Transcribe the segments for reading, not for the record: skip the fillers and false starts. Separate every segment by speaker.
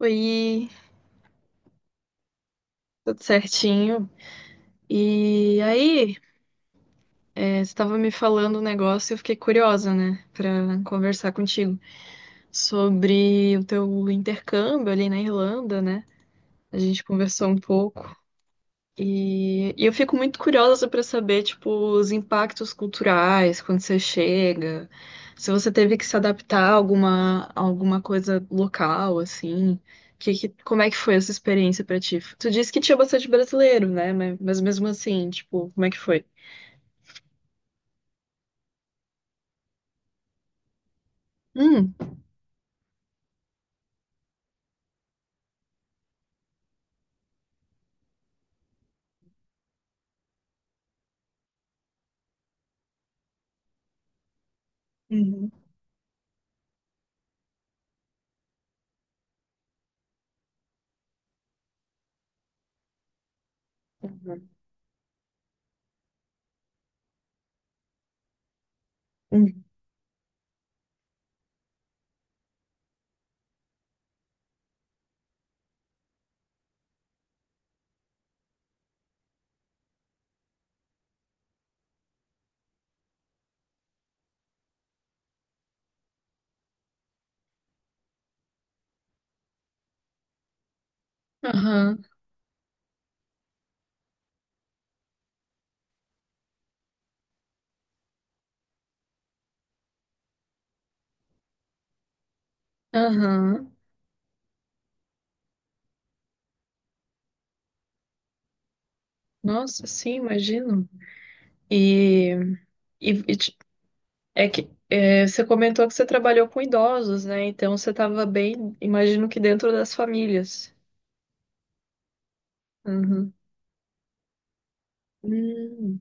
Speaker 1: Oi, tudo certinho. E aí, você estava me falando um negócio e eu fiquei curiosa, né, para conversar contigo sobre o teu intercâmbio ali na Irlanda, né? A gente conversou um pouco. E eu fico muito curiosa para saber, tipo, os impactos culturais quando você chega, se você teve que se adaptar a alguma coisa local, assim, como é que foi essa experiência para ti? Tu disse que tinha bastante brasileiro, né? Mas mesmo assim, tipo, como é que foi? Hum. Uhum. Uhum. Uhum. Aham, aham. Nossa, sim, imagino. E, e, É que você comentou que você trabalhou com idosos, né? Então você estava bem, imagino que dentro das famílias. Uhum. Hum,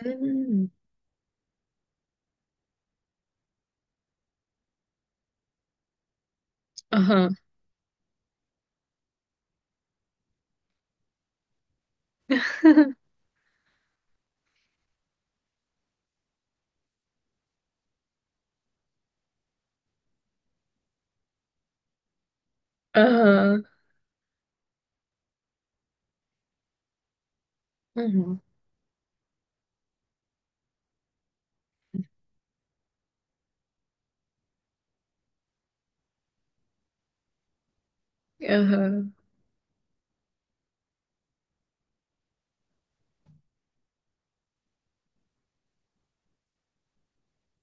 Speaker 1: hum. Aham, aham, uhum, aham.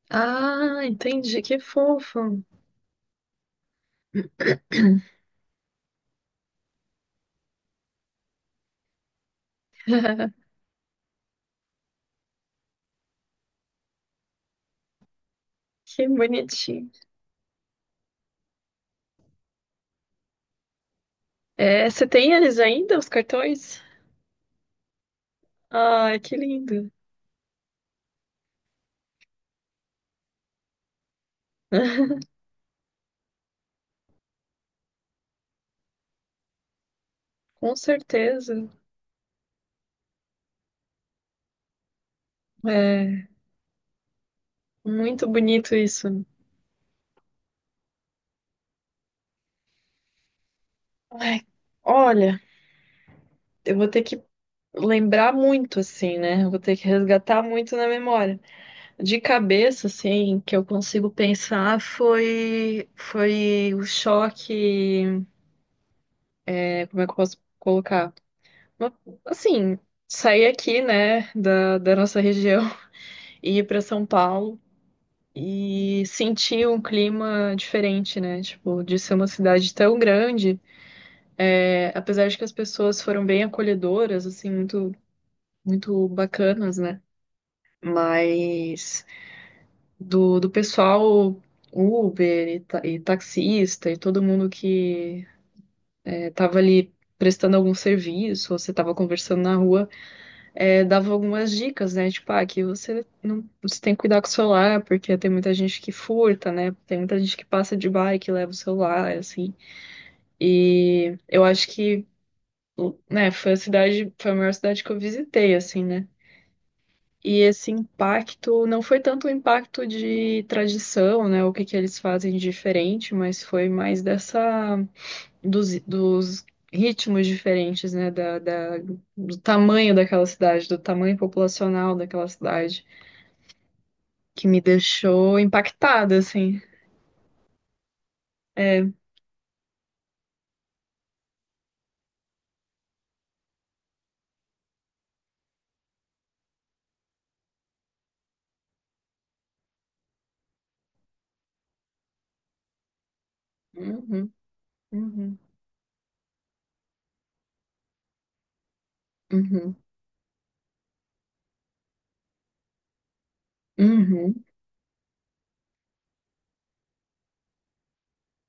Speaker 1: Ah, entendi, que fofo. Que bonitinho. É, você tem eles ainda, os cartões? Ai, que lindo. Com certeza. É muito bonito isso. Ai, olha, eu vou ter que lembrar muito, assim, né? Eu vou ter que resgatar muito na memória. De cabeça, assim, que eu consigo pensar foi o choque. Como é que eu posso colocar? Uma- Assim, sair aqui, né, da nossa região e ir para São Paulo. E sentir um clima diferente, né? Tipo, de ser uma cidade tão grande, apesar de que as pessoas foram bem acolhedoras, assim, muito, muito bacanas, né? Mas do pessoal Uber e, e taxista e todo mundo que tava ali prestando algum serviço, ou você tava conversando na rua, dava algumas dicas, né? Tipo, ah, que você não, você tem que cuidar com o celular, porque tem muita gente que furta, né? Tem muita gente que passa de bike e leva o celular, assim. E eu acho que, né, foi a cidade, foi a maior cidade que eu visitei, assim, né? E esse impacto não foi tanto um impacto de tradição, né? O que que eles fazem de diferente, mas foi mais dessa dos, ritmos diferentes, né? Do tamanho daquela cidade, do tamanho populacional daquela cidade, que me deixou impactada, assim. É. Uhum, uhum, uhum, uhum.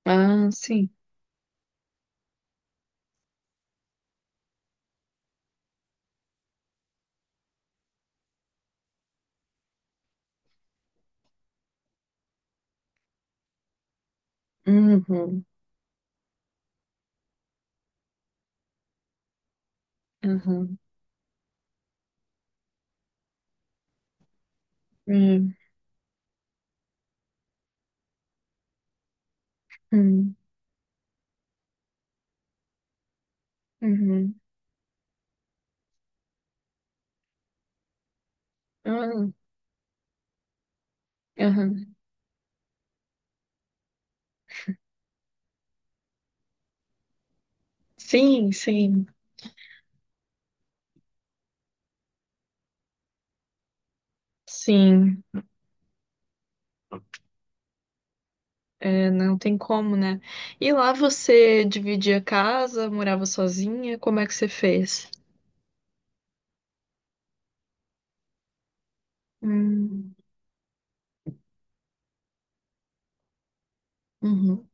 Speaker 1: Ah, sim. Uhum, uhum, uhum, uhum, uhum, uhum. Sim, sim. Sim, é, não tem como, né? E lá você dividia casa, morava sozinha? Como é que você fez? Hum, uhum,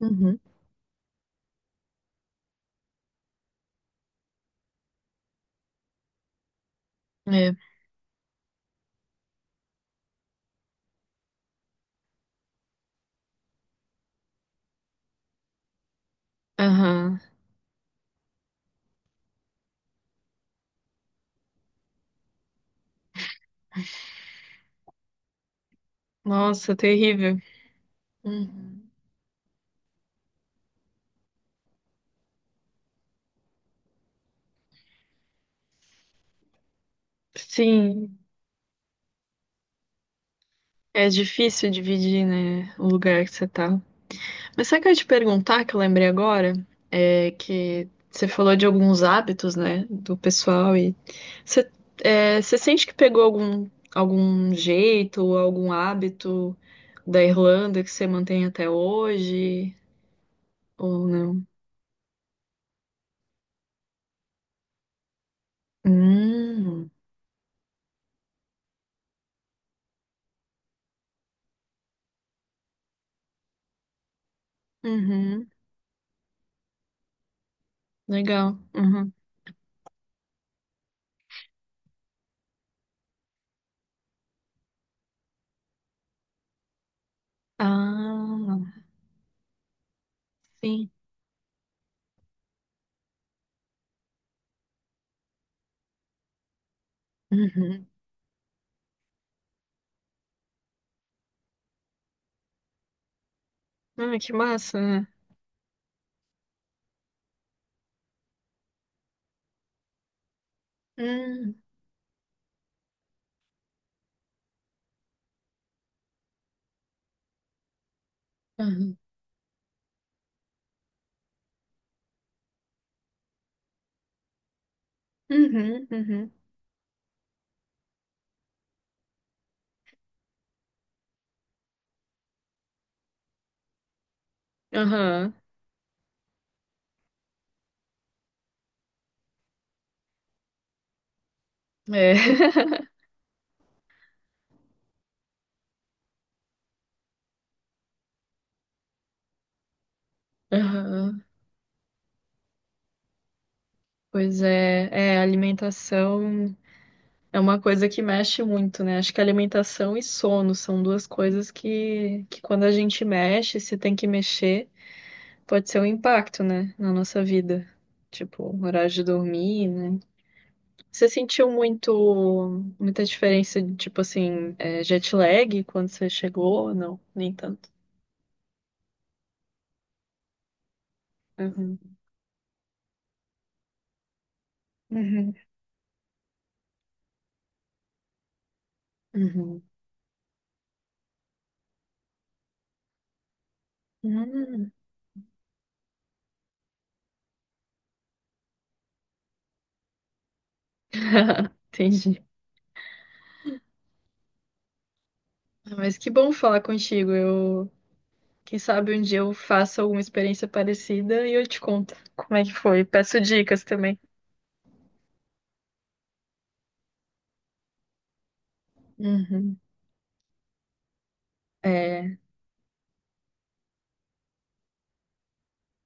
Speaker 1: uhum. É, aham. Nossa, terrível. Uhum. Sim, é difícil dividir, né, o lugar que você tá. Mas sabe o que eu ia te perguntar, que eu lembrei agora? É que você falou de alguns hábitos, né, do pessoal e você, você sente que pegou algum jeito ou algum hábito da Irlanda que você mantém até hoje ou não? Hum, uhum, legal. Uhum. Ah, sim. Uhum. Ah, que massa, né? Hum, uhum, uhum, uhum. Aham, é. Aham. Pois é, alimentação é uma coisa que mexe muito, né? Acho que alimentação e sono são duas coisas que quando a gente mexe, se tem que mexer, pode ser um impacto, né, na nossa vida. Tipo, horário de dormir, né? Você sentiu muito, muita diferença de, tipo assim, jet lag quando você chegou? Ou não, nem tanto. Uhum. Uhum. Uhum. Hum. Entendi. Ah, mas que bom falar contigo. Eu Quem sabe um dia eu faça alguma experiência parecida e eu te conto como é que foi. Peço dicas também. Uhum. É,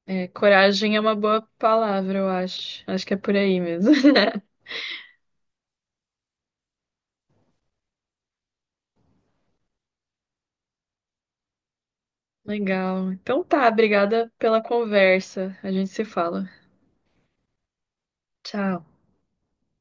Speaker 1: coragem é uma boa palavra, eu acho. Acho que é por aí mesmo. Legal. Então tá, obrigada pela conversa. A gente se fala. Tchau.